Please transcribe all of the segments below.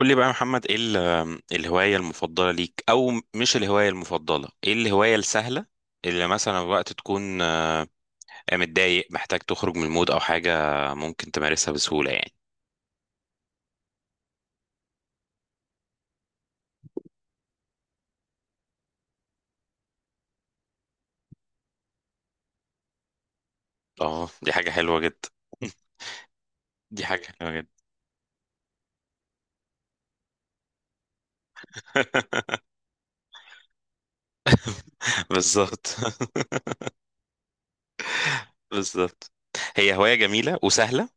قول لي بقى يا محمد، ايه الهواية المفضلة ليك، او مش الهواية المفضلة، ايه الهواية السهلة اللي مثلا وقت تكون متضايق محتاج تخرج من المود او حاجة، ممكن تمارسها بسهولة يعني؟ اه، دي حاجة حلوة جدا. دي حاجة حلوة جدا. بالظبط. بالظبط. هي هواية جميلة وسهلة.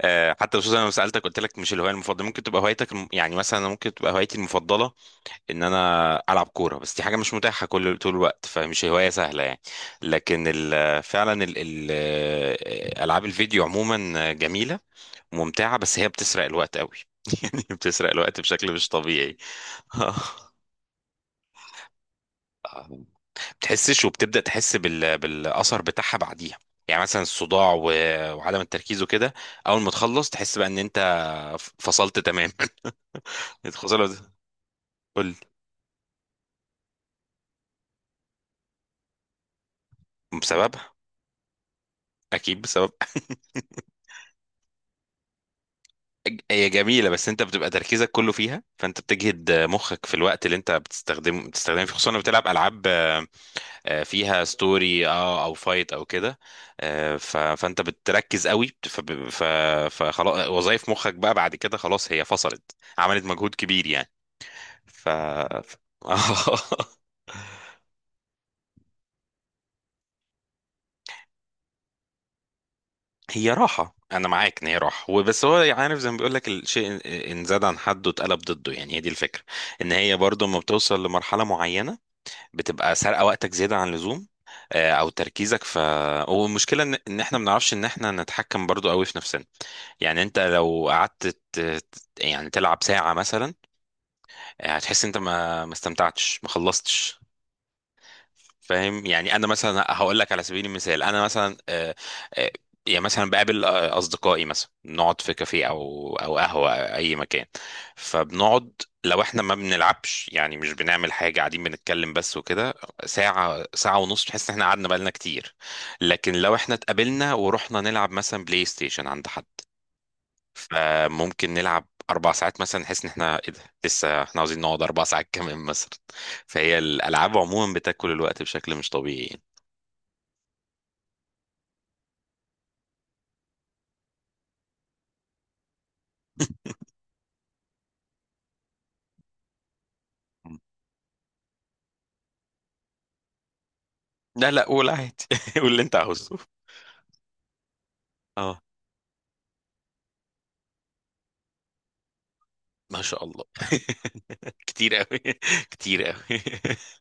حتى خصوصا انا لما سألتك قلت لك مش الهواية المفضلة، ممكن تبقى هوايتك يعني مثلا ممكن تبقى هوايتي المفضلة ان انا العب كوره، بس دي حاجه مش متاحه كل طول الوقت، فمش هوايه سهله يعني. لكن فعلا ال ال العاب الفيديو عموما جميله ممتعه، بس هي بتسرق الوقت قوي. يعني بتسرق الوقت بشكل مش طبيعي. بتحسش، وبتبدأ تحس بالأثر بتاعها بعديها، يعني مثلا الصداع وعدم التركيز وكده. أول ما تخلص تحس بقى إن أنت فصلت تماما. خصوصا لو. قول لي. بسببها. أكيد بسبب. هي جميلة، بس انت بتبقى تركيزك كله فيها، فانت بتجهد مخك في الوقت اللي انت بتستخدمه فيه، خصوصا لما بتلعب العاب فيها ستوري، او فايت او كده. فانت بتركز قوي، فخلاص وظايف مخك بقى بعد كده خلاص هي فصلت، عملت مجهود كبير يعني. ف ف- هي راحة، أنا معاك إن هي راحة، وبس هو عارف زي ما بيقول لك الشيء، إن زاد عن حده اتقلب ضده، يعني هي دي الفكرة. إن هي برضو لما بتوصل لمرحلة معينة بتبقى سارقه وقتك زياده عن اللزوم، او تركيزك. والمشكله إن احنا ما بنعرفش ان احنا نتحكم برضو قوي في نفسنا. يعني انت لو قعدت يعني تلعب ساعه مثلا، هتحس انت ما استمتعتش، ما خلصتش. فاهم؟ يعني انا مثلا هقول لك على سبيل المثال، انا مثلا آه، يعني مثلا بقابل اصدقائي، مثلا نقعد في كافيه او قهوه أو اي مكان، فبنقعد. لو احنا ما بنلعبش، يعني مش بنعمل حاجه، قاعدين بنتكلم بس وكده، ساعه ساعه ونص تحس ان احنا قعدنا بقالنا كتير. لكن لو احنا اتقابلنا ورحنا نلعب مثلا بلاي ستيشن عند حد، فممكن نلعب اربع ساعات مثلا، نحس ان احنا ايه ده، لسه احنا عاوزين نقعد اربع ساعات كمان مثلا. فهي الالعاب عموما بتاكل الوقت بشكل مش طبيعي يعني. مم. لا لا، قول عادي. قول اللي انت عاوزه. اه، ما شاء الله. كتير قوي. كتير قوي.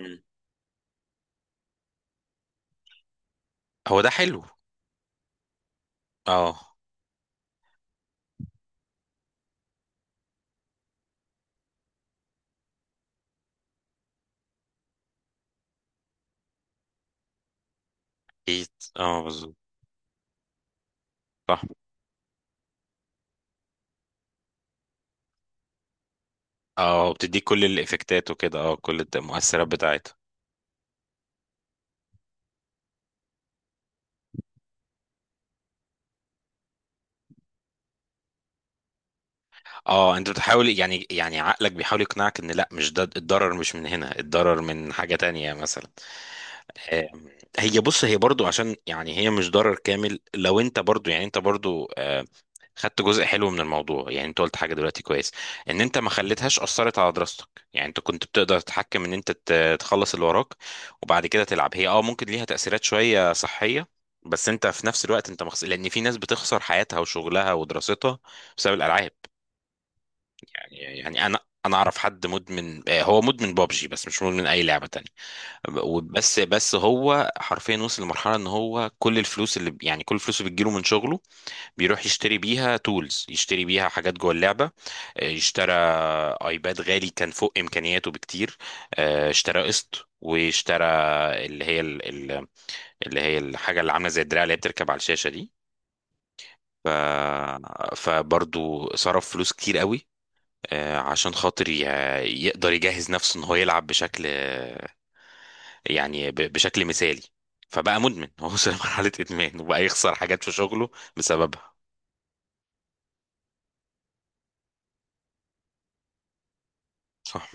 مم. هو ده حلو. اه. اكيد. اه، بالظبط. صح. اه، بتديك كل الافكتات وكده، اه كل المؤثرات بتاعتها. اه، انت بتحاول، يعني عقلك بيحاول يقنعك ان لا مش ده الضرر، مش من هنا الضرر، من حاجة تانية مثلا. آم، هي بص، هي برضو عشان يعني هي مش ضرر كامل لو انت برضو، يعني انت برضو خدت جزء حلو من الموضوع. يعني انت قلت حاجة دلوقتي كويس، ان انت ما خليتهاش اثرت على دراستك. يعني انت كنت بتقدر تتحكم ان انت تخلص اللي وراك وبعد كده تلعب. هي ممكن ليها تأثيرات شوية صحية، بس انت في نفس الوقت انت لان في ناس بتخسر حياتها وشغلها ودراستها بسبب الالعاب. يعني انا اعرف حد مدمن، هو مدمن بابجي بس مش مدمن اي لعبه تانية. بس هو حرفيا وصل لمرحله ان هو كل الفلوس اللي، بتجيله من شغله بيروح يشتري بيها تولز، يشتري بيها حاجات جوه اللعبه. اشترى ايباد غالي كان فوق امكانياته بكتير. اشترى قسط، واشترى اللي هي ال- ال- اللي هي الحاجه اللي عامله زي الدراع، اللي هي بتركب على الشاشه دي. ف... فبرضو صرف فلوس كتير قوي، عشان خاطر يقدر يجهز نفسه ان هو يلعب بشكل، يعني بشكل مثالي. فبقى مدمن. هو وصل لمرحلة إدمان، وبقى يخسر حاجات في شغله بسببها. صح.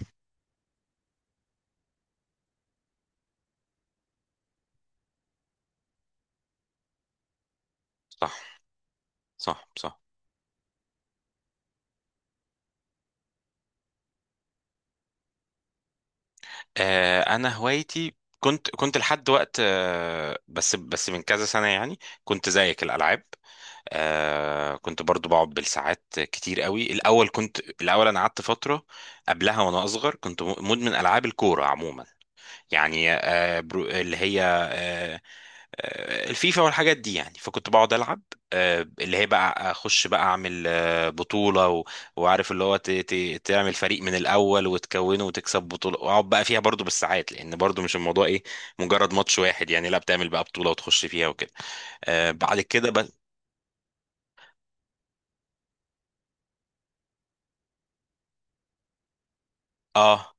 صح صح صح. أنا هوايتي كنت لحد وقت بس من كذا سنة يعني، كنت زيك الألعاب. كنت برضو بقعد بالساعات كتير قوي. الأول، كنت الأول أنا قعدت فترة قبلها وأنا أصغر، كنت مدمن ألعاب الكورة عموما، يعني آه، برو- اللي هي آه، آه، الفيفا والحاجات دي يعني. فكنت بقعد العب اللي هي بقى، اخش بقى اعمل بطوله، وعارف اللي هو تعمل فريق من الاول وتكونه، وتكسب بطوله، واقعد بقى فيها برضو بالساعات، لان برضو مش الموضوع ايه مجرد ماتش واحد يعني، لا بتعمل بقى بطوله وتخش فيها وكده. بعد كده بس. اه.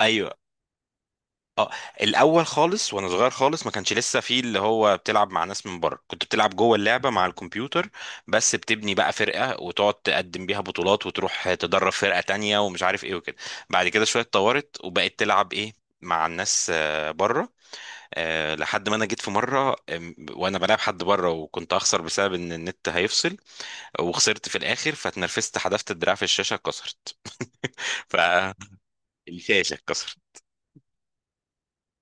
ايوه. اه، الاول خالص وانا صغير خالص ما كانش لسه فيه اللي هو بتلعب مع ناس من بره. كنت بتلعب جوه اللعبه مع الكمبيوتر بس، بتبني بقى فرقه وتقعد تقدم بيها بطولات، وتروح تدرب فرقه تانية ومش عارف ايه وكده. بعد كده شويه اتطورت وبقيت تلعب ايه، مع الناس بره. لحد ما انا جيت في مره وانا بلعب حد بره، وكنت هخسر بسبب ان النت هيفصل، وخسرت في الاخر، فاتنرفزت، حذفت الدراع في الشاشه، اتكسرت. فالشاشه اتكسرت.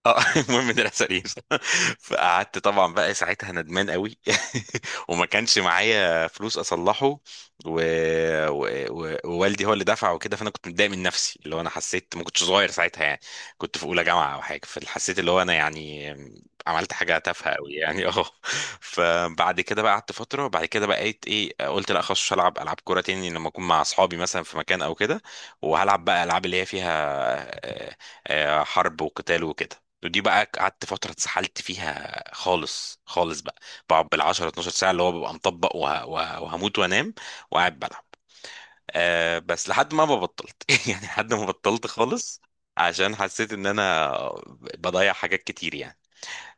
اه. المهم ان العسلين. فقعدت طبعا بقى ساعتها ندمان قوي. وما كانش معايا فلوس اصلحه، و... و... ووالدي هو اللي دفع وكده، فانا كنت متضايق من نفسي، اللي هو انا حسيت ما كنتش صغير ساعتها يعني، كنت في اولى جامعه او حاجه، فحسيت اللي هو انا يعني عملت حاجه تافهه قوي يعني. اه. فبعد كده بقى قعدت فتره، وبعد كده بقيت ايه، قلت لا خلاص مش هلعب العاب كوره تاني، لما اكون مع اصحابي مثلا في مكان او كده، وهلعب بقى العاب اللي هي فيها آه، حرب وقتال وكده. ودي بقى قعدت فترة اتسحلت فيها خالص خالص بقى، بقعد بالعشرة 12 ساعة، اللي هو ببقى مطبق، وهموت وانام وقاعد بلعب. بس لحد ما بطلت. يعني لحد ما بطلت خالص، عشان حسيت ان انا بضيع حاجات كتير يعني.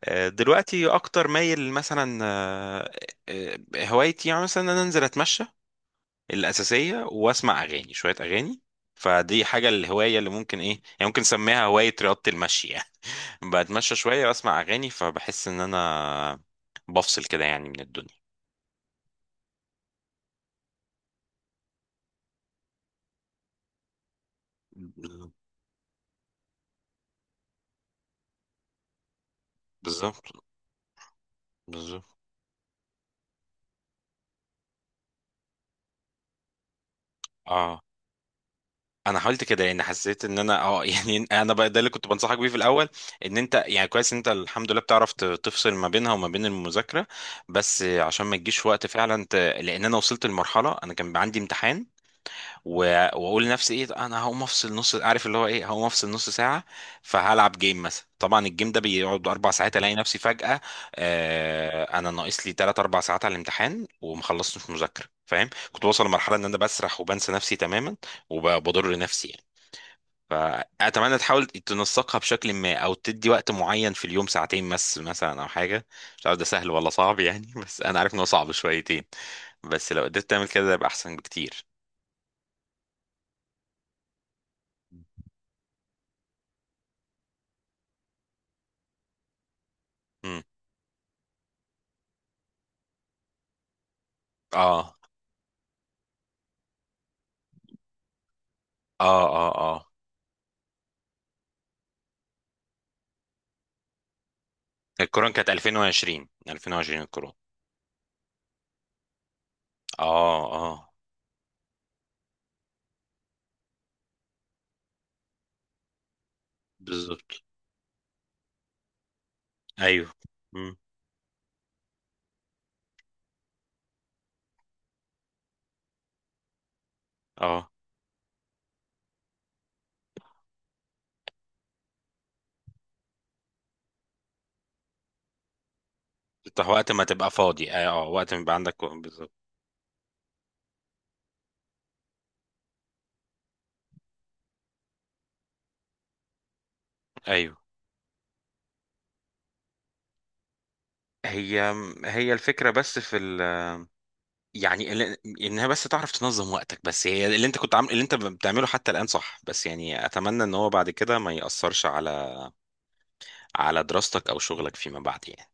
أه، دلوقتي اكتر مايل مثلا. أه آه، هوايتي يعني مثلا ان انا انزل اتمشى الأساسية، وأسمع أغاني، شوية أغاني. فدي حاجة، الهواية اللي ممكن إيه، يعني ممكن نسميها هواية رياضة المشي يعني. بتمشى شوية وأسمع أغاني، فبحس إن أنا بفصل كده يعني من الدنيا. بالظبط. بالظبط. اه، انا حاولت كده، لان حسيت ان انا يعني انا بقى ده اللي كنت بنصحك بيه في الاول، ان انت يعني كويس ان انت الحمد لله بتعرف تفصل ما بينها وما بين المذاكره. بس عشان ما تجيش وقت فعلا لان انا وصلت لمرحله انا كان عندي امتحان، واقول لنفسي ايه، انا هقوم افصل نص، عارف اللي هو ايه، هقوم افصل نص ساعه، فهلعب جيم مثلا. طبعا الجيم ده بيقعد اربع ساعات، الاقي نفسي فجاه، انا ناقص لي ثلاث اربع ساعات على الامتحان، ومخلصتش مذاكره. فاهم؟ كنت بوصل لمرحله ان انا بسرح وبنسى نفسي تماما، وبضر نفسي يعني. فاتمنى تحاول تنسقها بشكل ما، او تدي وقت معين في اليوم، ساعتين بس مثلا، او حاجه. مش عارف ده سهل ولا صعب يعني. بس انا عارف ان هو صعب شويتين، بس لو قدرت تعمل كده ده يبقى احسن بكتير. مم. اه اه اه اه، الكورونا كانت 2020. 2020 الكورونا. اه اه، بالظبط. ايوه. مم. اه، انت وقت ما تبقى فاضي، اه، وقت ما يبقى عندك بالظبط. ايوه. هي هي الفكره، بس في يعني انها بس تعرف تنظم وقتك. بس هي اللي انت كنت عامل اللي انت بتعمله حتى الان، صح؟ بس يعني اتمنى ان هو بعد كده ما ياثرش على دراستك او شغلك فيما بعد يعني.